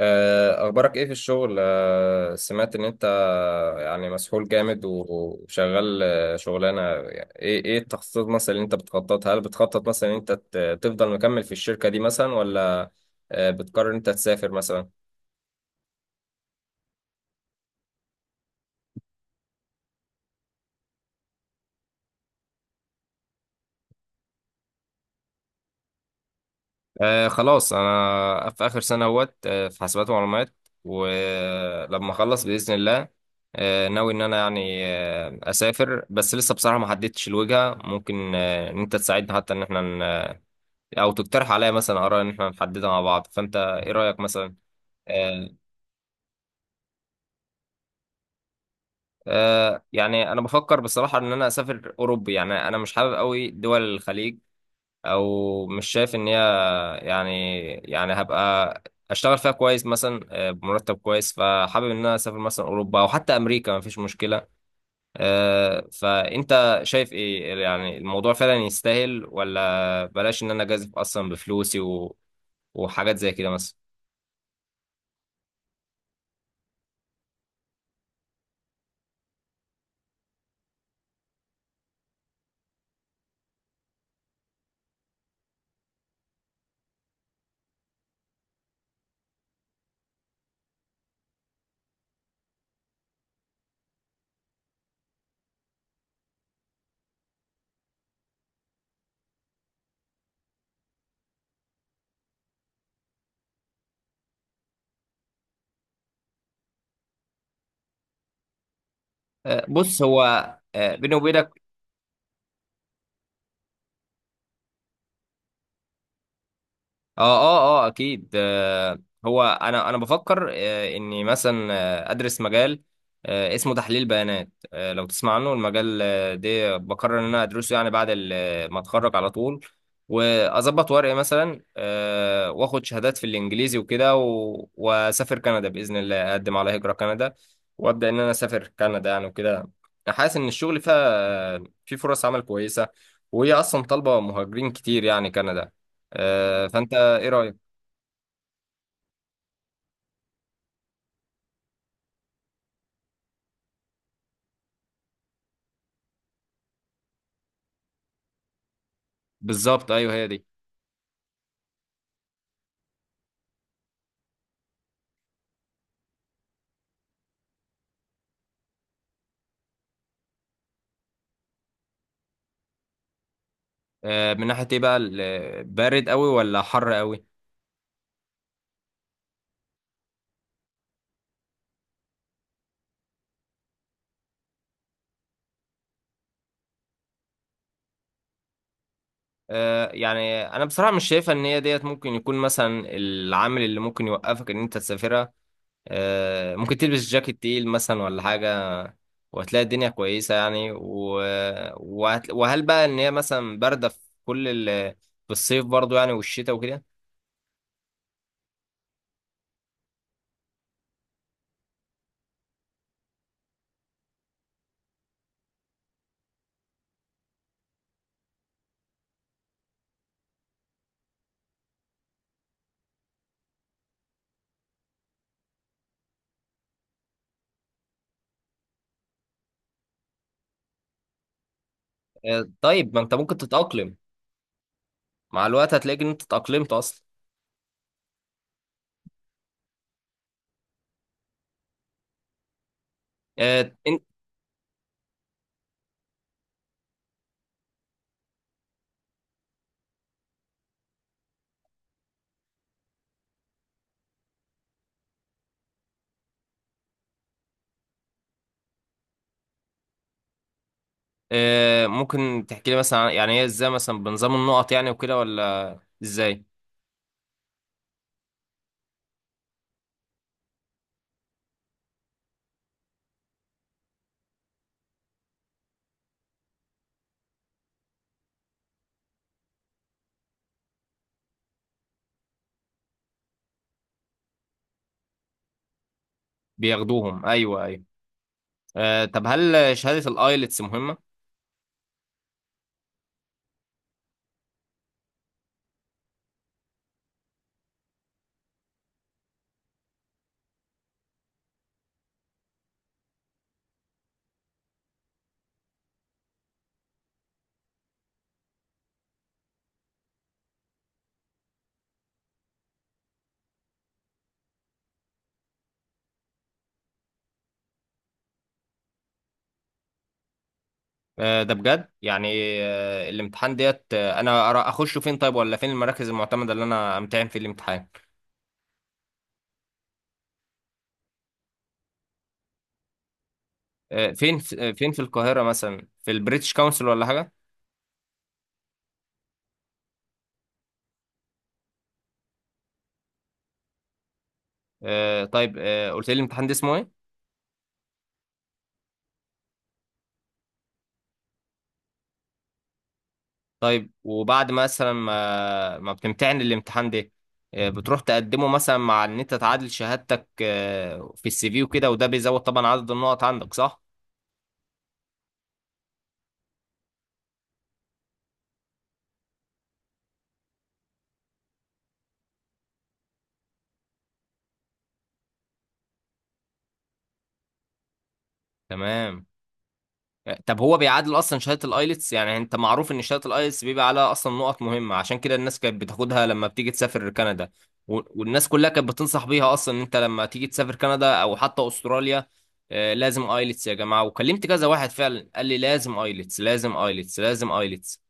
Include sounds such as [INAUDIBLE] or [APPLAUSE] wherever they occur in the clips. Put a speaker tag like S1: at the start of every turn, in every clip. S1: أخبارك إيه في الشغل؟ سمعت إن أنت يعني مسحول جامد وشغال. شغلانة، يعني إيه التخطيط مثلا اللي أنت بتخططها؟ هل بتخطط مثلا إن أنت تفضل مكمل في الشركة دي مثلا، ولا بتقرر إن أنت تسافر مثلا؟ خلاص، انا في اخر سنه اهوت، في حاسبات ومعلومات. ولما اخلص باذن الله ناوي ان انا يعني اسافر، بس لسه بصراحه ما حددتش الوجهه. ممكن ان انت تساعدني حتى ان احنا، او تقترح عليا مثلا اراء ان احنا نحددها مع بعض. فانت ايه رايك مثلا؟ آه يعني انا بفكر بصراحه ان انا اسافر اوروبي، يعني انا مش حابب قوي دول الخليج، او مش شايف ان هي يعني هبقى اشتغل فيها كويس مثلا، بمرتب كويس. فحابب ان انا اسافر مثلا اوروبا او حتى امريكا، مفيش مشكله. فانت شايف ايه؟ يعني الموضوع فعلا يستاهل، ولا بلاش ان انا جازف اصلا بفلوسي وحاجات زي كده مثلا. بص، هو، بيني وبينك، اه اكيد. هو انا بفكر اني مثلا ادرس مجال اسمه تحليل بيانات. لو تسمع عنه، المجال ده بقرر ان انا ادرسه، يعني بعد ما اتخرج على طول. واظبط ورقي مثلا، واخد شهادات في الانجليزي وكده، واسافر كندا باذن الله، اقدم على هجرة كندا وابدا ان انا اسافر كندا يعني وكده. حاسس ان الشغل فيها، في فرص عمل كويسة، وهي اصلا طالبة مهاجرين كتير يعني، كندا. فانت ايه رأيك؟ بالظبط، ايوه، هي دي. من ناحية ايه بقى؟ بارد قوي ولا حر قوي؟ يعني انا بصراحة مش شايفة ان هي ديت ممكن يكون مثلا العامل اللي ممكن يوقفك ان انت تسافرها. ممكن تلبس جاكيت تقيل مثلا ولا حاجة، وهتلاقي الدنيا كويسة يعني. وهل بقى ان هي مثلا باردة في كل ال... في الصيف برضو، يعني، والشتاء وكده؟ طيب، ما انت ممكن تتأقلم، مع الوقت هتلاقي ان انت اتأقلمت اصلا. آه، ممكن تحكي لي مثلا يعني هي ازاي مثلا بنظام النقط يعني وكده، ولا ازاي بياخدوهم؟ ايوه، ايوه. طب هل شهادة الايلتس مهمة؟ ده بجد يعني؟ الامتحان ديت، انا اخشه فين طيب، ولا فين المراكز المعتمدة اللي انا امتحن في الامتحان؟ فين فين في القاهرة مثلا؟ في البريتش كونسل ولا حاجة؟ طيب، قلت لي الامتحان ده اسمه ايه؟ طيب، وبعد مثلا ما بتمتحن الامتحان ده، بتروح تقدمه مثلا، مع ان انت تعادل شهادتك في السي في وكده، وده بيزود طبعا عدد النقط عندك، صح؟ تمام. طب هو بيعادل اصلا شهادة الايلتس؟ يعني انت معروف ان شهادة الايلتس بيبقى عليها اصلا نقط مهمة، عشان كده الناس كانت بتاخدها لما بتيجي تسافر كندا. والناس كلها كانت بتنصح بيها اصلا ان انت لما تيجي تسافر كندا او حتى استراليا، لازم ايلتس يا جماعة. وكلمت كذا واحد فعلا قال لي لازم ايلتس، لازم ايلتس، لازم ايلتس.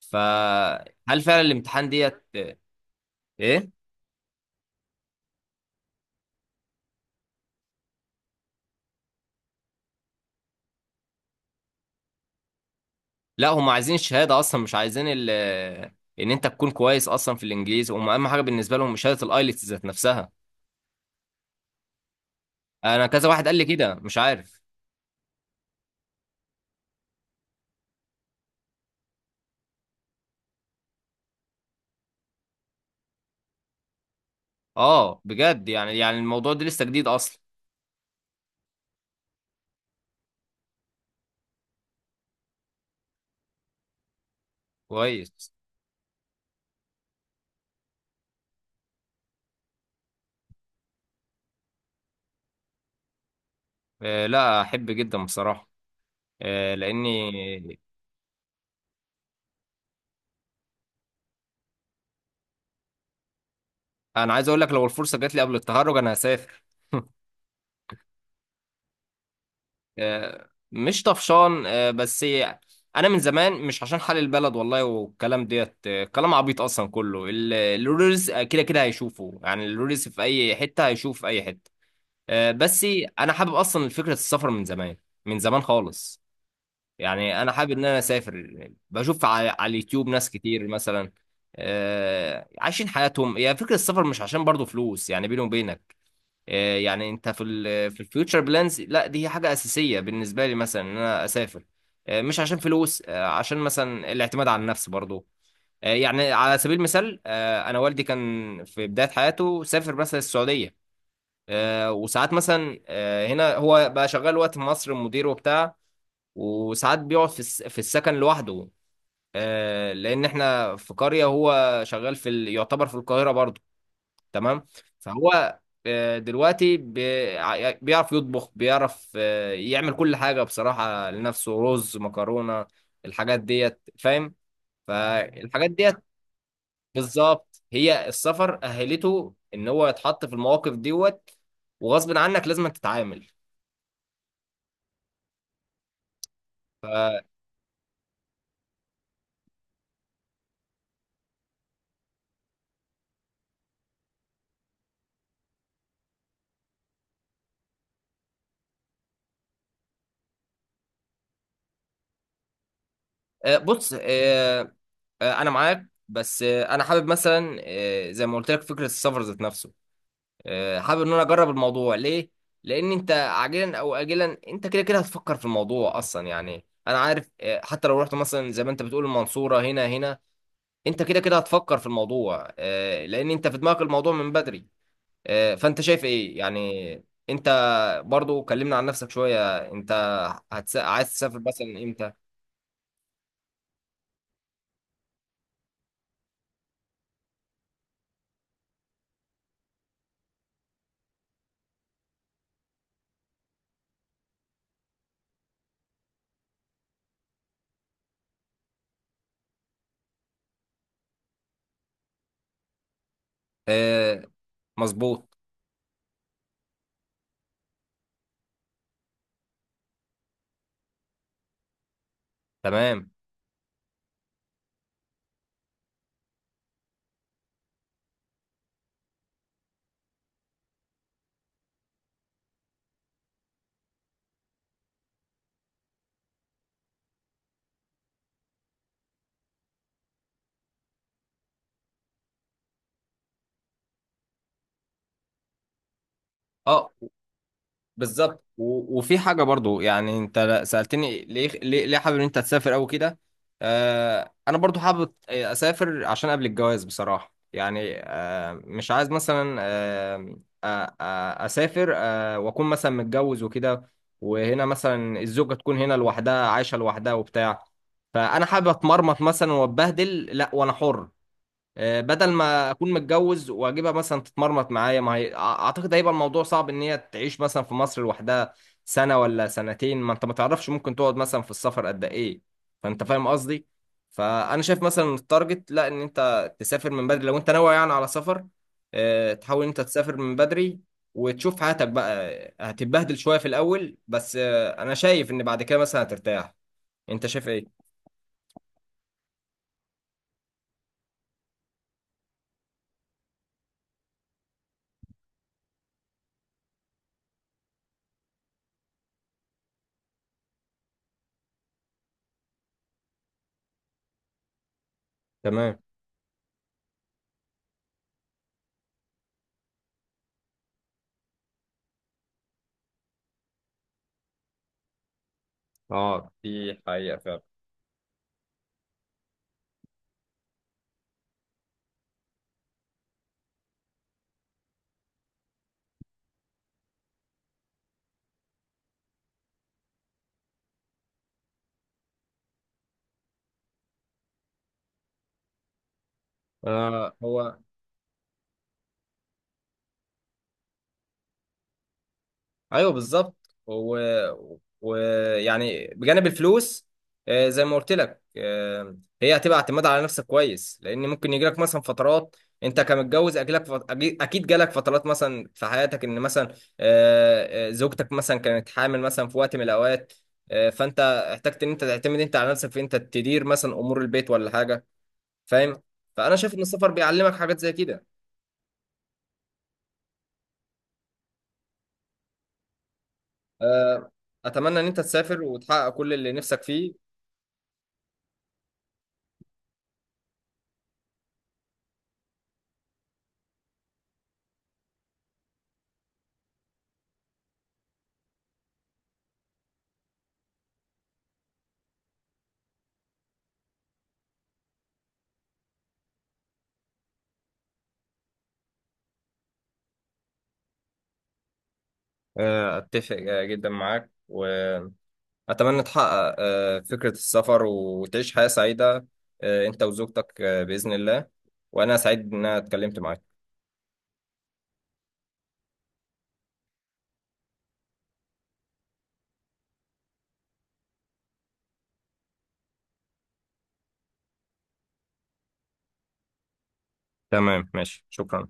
S1: فهل فعلا الامتحان ديت؟ ايه، لا، هم عايزين الشهاده اصلا، مش عايزين ان انت تكون كويس اصلا في الانجليزي. هم اهم حاجه بالنسبه لهم شهاده الايلتس ذات نفسها. انا كذا واحد قال لي كده، مش عارف. اه، بجد يعني؟ يعني الموضوع ده لسه جديد اصلا؟ كويس. لا، احب جدا بصراحه، لاني انا عايز اقول لك، لو الفرصه جات لي قبل التخرج انا هسافر. [LAUGHS] مش طفشان، بس انا من زمان. مش عشان حال البلد والله والكلام ديت، كلام عبيط اصلا. كله الرولز كده كده هيشوفه، يعني الرولز في اي حته هيشوف في اي حته. بس انا حابب اصلا فكره السفر من زمان، من زمان خالص. يعني انا حابب ان انا اسافر، بشوف على اليوتيوب ناس كتير مثلا عايشين حياتهم. هي فكره السفر مش عشان برضو فلوس يعني، بيني وبينك. يعني انت في في الفيوتشر بلانز، لا، دي هي حاجه اساسيه بالنسبه لي مثلا، ان انا اسافر، مش عشان فلوس، عشان مثلا الاعتماد على النفس برضو. يعني على سبيل المثال، انا والدي كان في بدايه حياته سافر مثلا السعوديه، وساعات مثلا هنا، هو بقى شغال وقت في مصر، مدير وبتاع، وساعات بيقعد في السكن لوحده، لان احنا في قريه، هو شغال يعتبر في القاهره برضو، تمام. فهو دلوقتي بيعرف يطبخ، بيعرف يعمل كل حاجة بصراحة لنفسه، رز، مكرونة، الحاجات ديت، فاهم؟ فالحاجات ديت بالظبط، هي السفر أهلته إن هو يتحط في المواقف دوت، وغصب عنك لازم تتعامل. ف- بص، أنا معاك، بس أنا حابب مثلا، زي ما قلت لك فكرة السفر ذات نفسه، حابب ان انا اجرب الموضوع. ليه؟ لان انت عاجلا او اجلا انت كده كده هتفكر في الموضوع اصلا، يعني انا عارف حتى لو رحت مثلا زي ما انت بتقول، المنصورة، هنا هنا، انت كده كده هتفكر في الموضوع، لان انت في دماغك الموضوع من بدري. فانت شايف ايه يعني؟ انت برضو كلمنا عن نفسك شوية، انت عايز تسافر مثلا امتى؟ آه، مظبوط. تمام. اه، بالظبط. و- وفي حاجة برضو يعني انت سألتني ليه ليه, ليه حابب ان انت تسافر قوي كده آه انا برضو حابب اسافر عشان قبل الجواز بصراحة يعني آه مش عايز مثلا آه آه آه اسافر آه واكون مثلا متجوز وكده وهنا مثلا الزوجة تكون هنا لوحدها عايشة لوحدها وبتاع فانا حابب اتمرمط مثلا واتبهدل لا وانا حر آه، بدل ما اكون متجوز واجيبها مثلا تتمرمط معايا ما هي أع- اعتقد هيبقى الموضوع صعب ان هي تعيش مثلا في مصر لوحدها سنة ولا سنتين ما انت ما تعرفش ممكن تقعد مثلا في السفر قد ايه فانت فاهم قصدي فانا شايف مثلا التارجت لا ان انت تسافر من بدري لو انت ناوي يعني على سفر آه، تحاول إن انت تسافر من بدري وتشوف حياتك بقى آه، هتتبهدل شوية في الاول بس آه، انا شايف ان بعد كده مثلا هترتاح انت شايف ايه تمام اه دي حقيقة فعلا آه هو ايوه بالظبط ويعني بجانب الفلوس، زي ما قلت لك، هي هتبقى اعتماد على نفسك كويس، لان ممكن يجي لك مثلا فترات، انت كمتجوز اجلك اكيد جالك فترات مثلا في حياتك، ان مثلا زوجتك مثلا كانت حامل مثلا في وقت من الاوقات، فانت احتجت ان انت تعتمد، انت، على نفسك في انت تدير مثلا امور البيت ولا حاجه، فاهم؟ فانا شايف ان السفر بيعلمك حاجات زي كده. آه، اتمنى ان انت تسافر وتحقق كل اللي نفسك فيه. أتفق جدا معاك، وأتمنى تحقق فكرة السفر وتعيش حياة سعيدة أنت وزوجتك بإذن الله. وأنا سعيد إن أنا اتكلمت معاك. تمام، ماشي، شكرا.